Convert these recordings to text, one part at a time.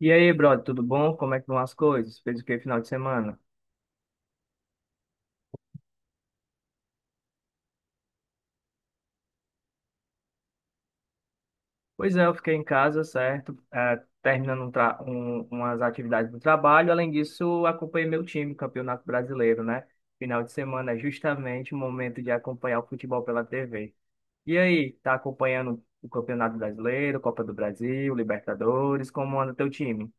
E aí, brother, tudo bom? Como é que vão as coisas? Fez o que final de semana? Pois é, eu fiquei em casa, certo? Terminando umas atividades do trabalho. Além disso, acompanhei meu time, Campeonato Brasileiro, né? Final de semana é justamente o momento de acompanhar o futebol pela TV. E aí, tá acompanhando o Campeonato Brasileiro, Copa do Brasil, Libertadores? Como anda teu time?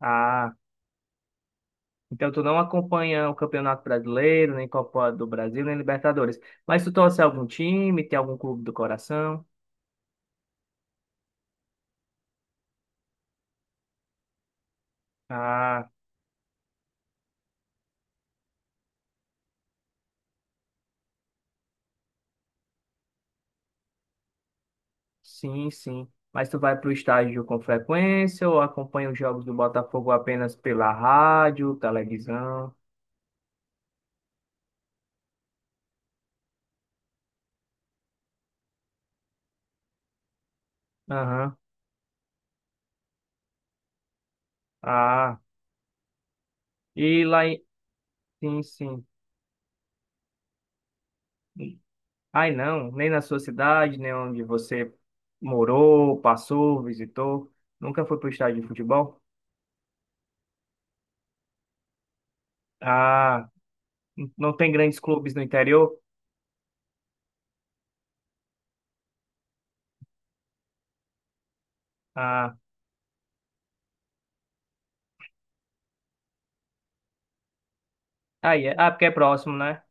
Ah, então tu não acompanha o Campeonato Brasileiro, nem Copa do Brasil, nem Libertadores. Mas tu torce algum time, tem algum clube do coração? Ah, sim, sim. Mas tu vai para o estádio com frequência ou acompanha os jogos do Botafogo apenas pela rádio, televisão? Aham. Ah, e lá em... Sim, sim. Ai, não, nem na sua cidade, nem onde você morou, passou, visitou. Nunca foi para o estádio de futebol? Ah, não tem grandes clubes no interior? Ah, aí, é- ah, porque é próximo, né?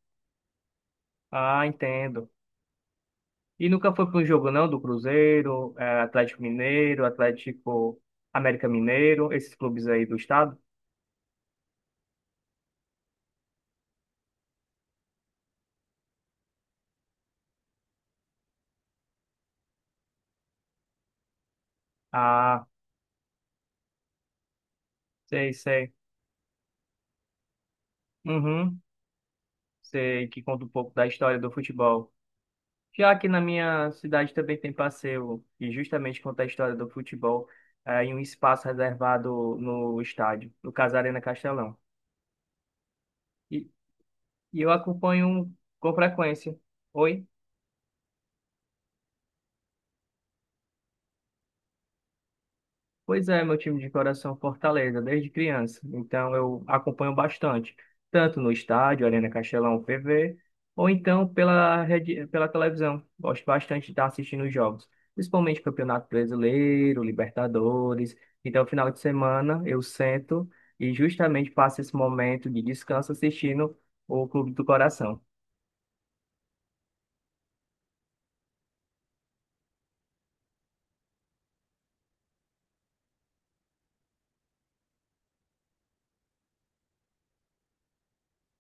Ah, entendo. E nunca foi para um jogo, não, do Cruzeiro, Atlético Mineiro, Atlético América Mineiro, esses clubes aí do estado? Ah, sei, sei. Uhum, sei que conta um pouco da história do futebol. Já que na minha cidade também tem passeio, e justamente conta a história do futebol, em um espaço reservado no estádio, no caso Arena Castelão. E, e eu acompanho com frequência. Oi? Pois é, meu time de coração Fortaleza, desde criança. Então eu acompanho bastante, tanto no estádio, Arena Castelão, PV, ou então pela rede, pela televisão. Gosto bastante de estar assistindo os jogos, principalmente Campeonato Brasileiro, Libertadores. Então, final de semana, eu sento e justamente passo esse momento de descanso assistindo o Clube do Coração.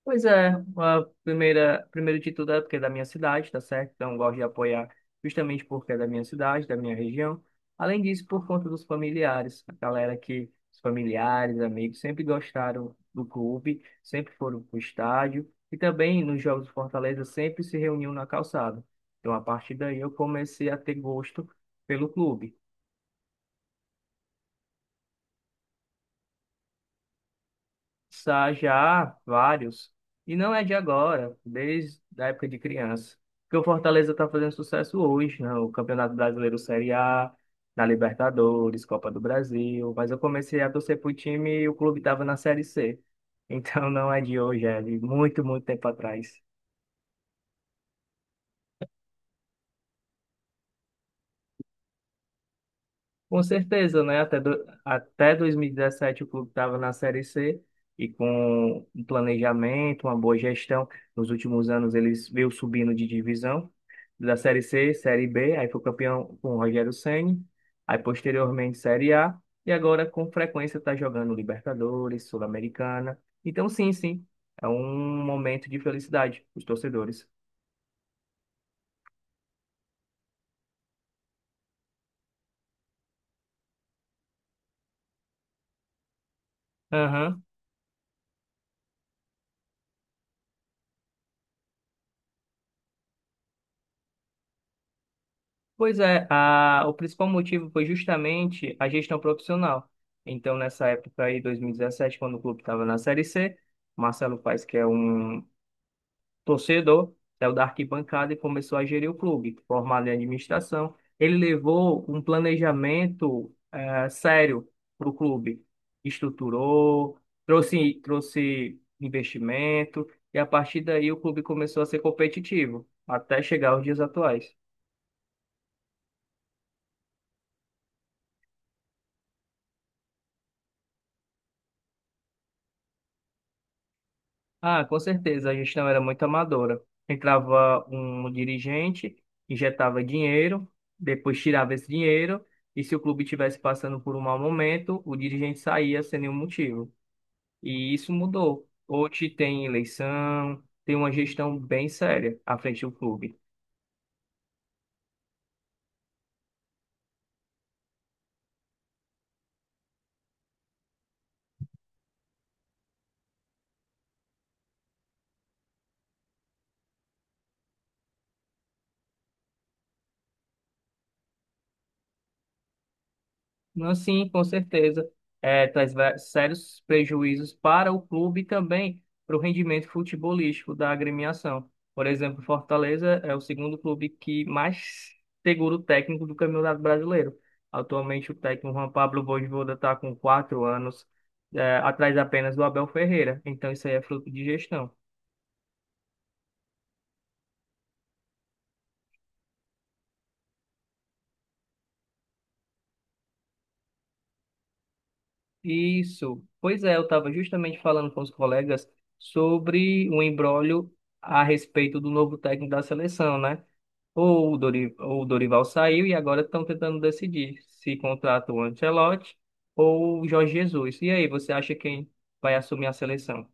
Pois é, a primeira, primeiro de tudo é porque é da minha cidade, tá certo? Então, eu gosto de apoiar justamente porque é da minha cidade, da minha região. Além disso, por conta dos familiares, a galera que, os familiares, amigos, sempre gostaram do clube, sempre foram pro estádio e também nos Jogos do Fortaleza sempre se reuniam na calçada. Então, a partir daí, eu comecei a ter gosto pelo clube. Já vários. E não é de agora, desde a época de criança. Porque o Fortaleza está fazendo sucesso hoje, né? O Campeonato Brasileiro Série A, na Libertadores, Copa do Brasil. Mas eu comecei a torcer para o time e o clube estava na Série C. Então não é de hoje, é de muito, muito tempo atrás. Com certeza, né? Até 2017 o clube estava na Série C e com um planejamento, uma boa gestão, nos últimos anos eles veio subindo de divisão da Série C, Série B, aí foi campeão com o Rogério Ceni, aí posteriormente Série A e agora com frequência está jogando Libertadores, Sul-Americana. Então, sim, sim, é um momento de felicidade para os torcedores. Pois é, o principal motivo foi justamente a gestão profissional. Então, nessa época aí, 2017, quando o clube estava na Série C, Marcelo Paes, que é um torcedor, saiu da arquibancada e começou a gerir o clube, formado em administração. Ele levou um planejamento sério para o clube, estruturou, trouxe investimento, e a partir daí o clube começou a ser competitivo, até chegar aos dias atuais. Ah, com certeza, a gestão era muito amadora. Entrava um dirigente, injetava dinheiro, depois tirava esse dinheiro, e se o clube estivesse passando por um mau momento, o dirigente saía sem nenhum motivo. E isso mudou. Hoje tem eleição, tem uma gestão bem séria à frente do clube. Não, sim, com certeza. É, sérios prejuízos para o clube e também para o rendimento futebolístico da agremiação. Por exemplo, Fortaleza é o segundo clube que mais segura o técnico do Campeonato Brasileiro. Atualmente, o técnico Juan Pablo Vojvoda está com 4 anos, é, atrás apenas do Abel Ferreira. Então, isso aí é fruto de gestão. Isso. Pois é, eu estava justamente falando com os colegas sobre o imbróglio a respeito do novo técnico da seleção, né? Ou o Dorival saiu e agora estão tentando decidir se contrata o Ancelotti ou o Jorge Jesus. E aí, você acha quem vai assumir a seleção?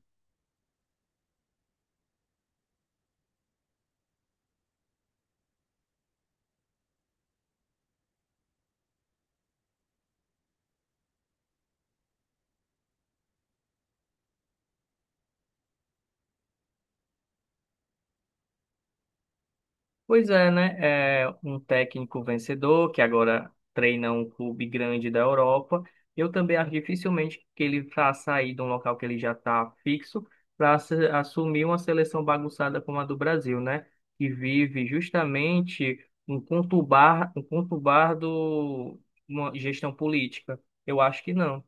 Pois é, né? É um técnico vencedor que agora treina um clube grande da Europa. Eu também acho dificilmente que ele vá sair de um local que ele já está fixo para assumir uma seleção bagunçada como a do Brasil, né? Que vive justamente um conturbado uma gestão política. Eu acho que não.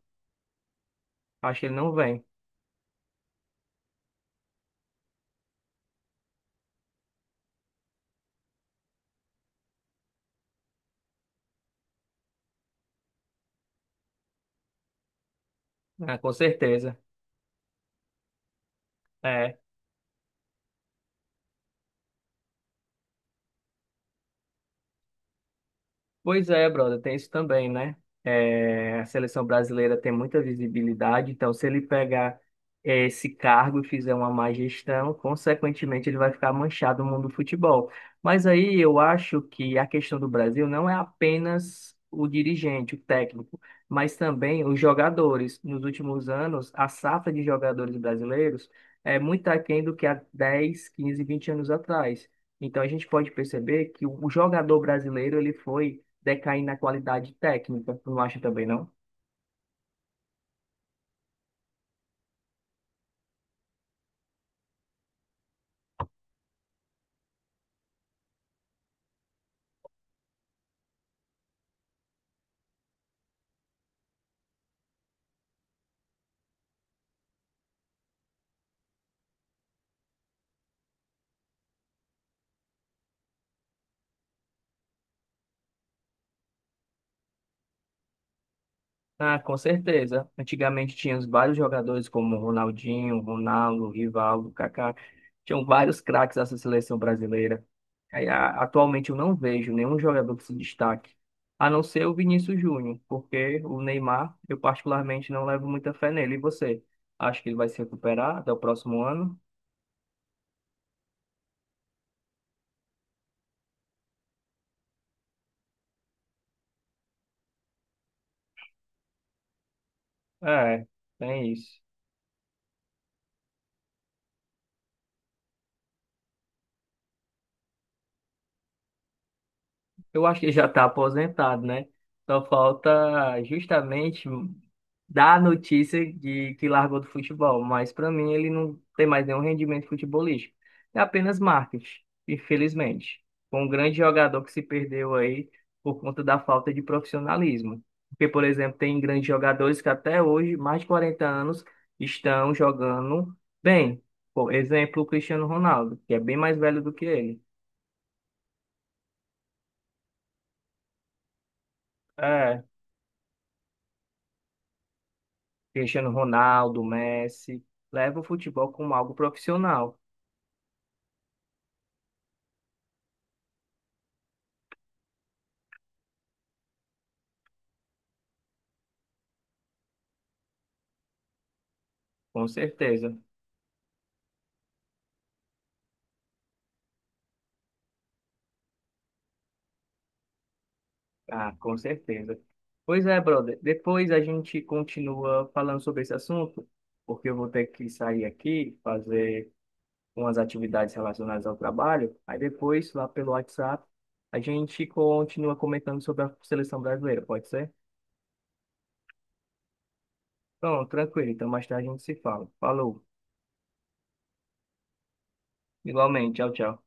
Acho que ele não vem, né? Com certeza. É. Pois é, brother, tem isso também, né? É, a seleção brasileira tem muita visibilidade, então se ele pegar esse cargo e fizer uma má gestão, consequentemente ele vai ficar manchado no mundo do futebol. Mas aí eu acho que a questão do Brasil não é apenas o dirigente, o técnico, mas também os jogadores. Nos últimos anos, a safra de jogadores brasileiros é muito aquém do que há 10, 15, 20 anos atrás. Então a gente pode perceber que o jogador brasileiro ele foi decair na qualidade técnica, tu não acha também, não? Ah, com certeza. Antigamente tinha os vários jogadores como Ronaldinho, Ronaldo, Rivaldo, Kaká. Tinham vários craques dessa seleção brasileira. Aí, atualmente eu não vejo nenhum jogador que se destaque, a não ser o Vinícius Júnior, porque o Neymar, eu particularmente não levo muita fé nele. E você? Acha que ele vai se recuperar até o próximo ano? É, tem isso. Eu acho que ele já está aposentado, né? Só falta justamente dar a notícia de que largou do futebol, mas para mim ele não tem mais nenhum rendimento futebolístico. É apenas marketing, infelizmente. Foi um grande jogador que se perdeu aí por conta da falta de profissionalismo. Porque, por exemplo, tem grandes jogadores que até hoje, mais de 40 anos, estão jogando bem. Por exemplo, o Cristiano Ronaldo, que é bem mais velho do que ele. É. Cristiano Ronaldo, Messi, leva o futebol como algo profissional, com certeza. Ah, com certeza. Pois é, brother. Depois a gente continua falando sobre esse assunto, porque eu vou ter que sair aqui, fazer umas atividades relacionadas ao trabalho. Aí depois, lá pelo WhatsApp, a gente continua comentando sobre a seleção brasileira, pode ser? Pronto, tranquilo. Então mais tarde a gente se fala. Falou. Igualmente, tchau, tchau.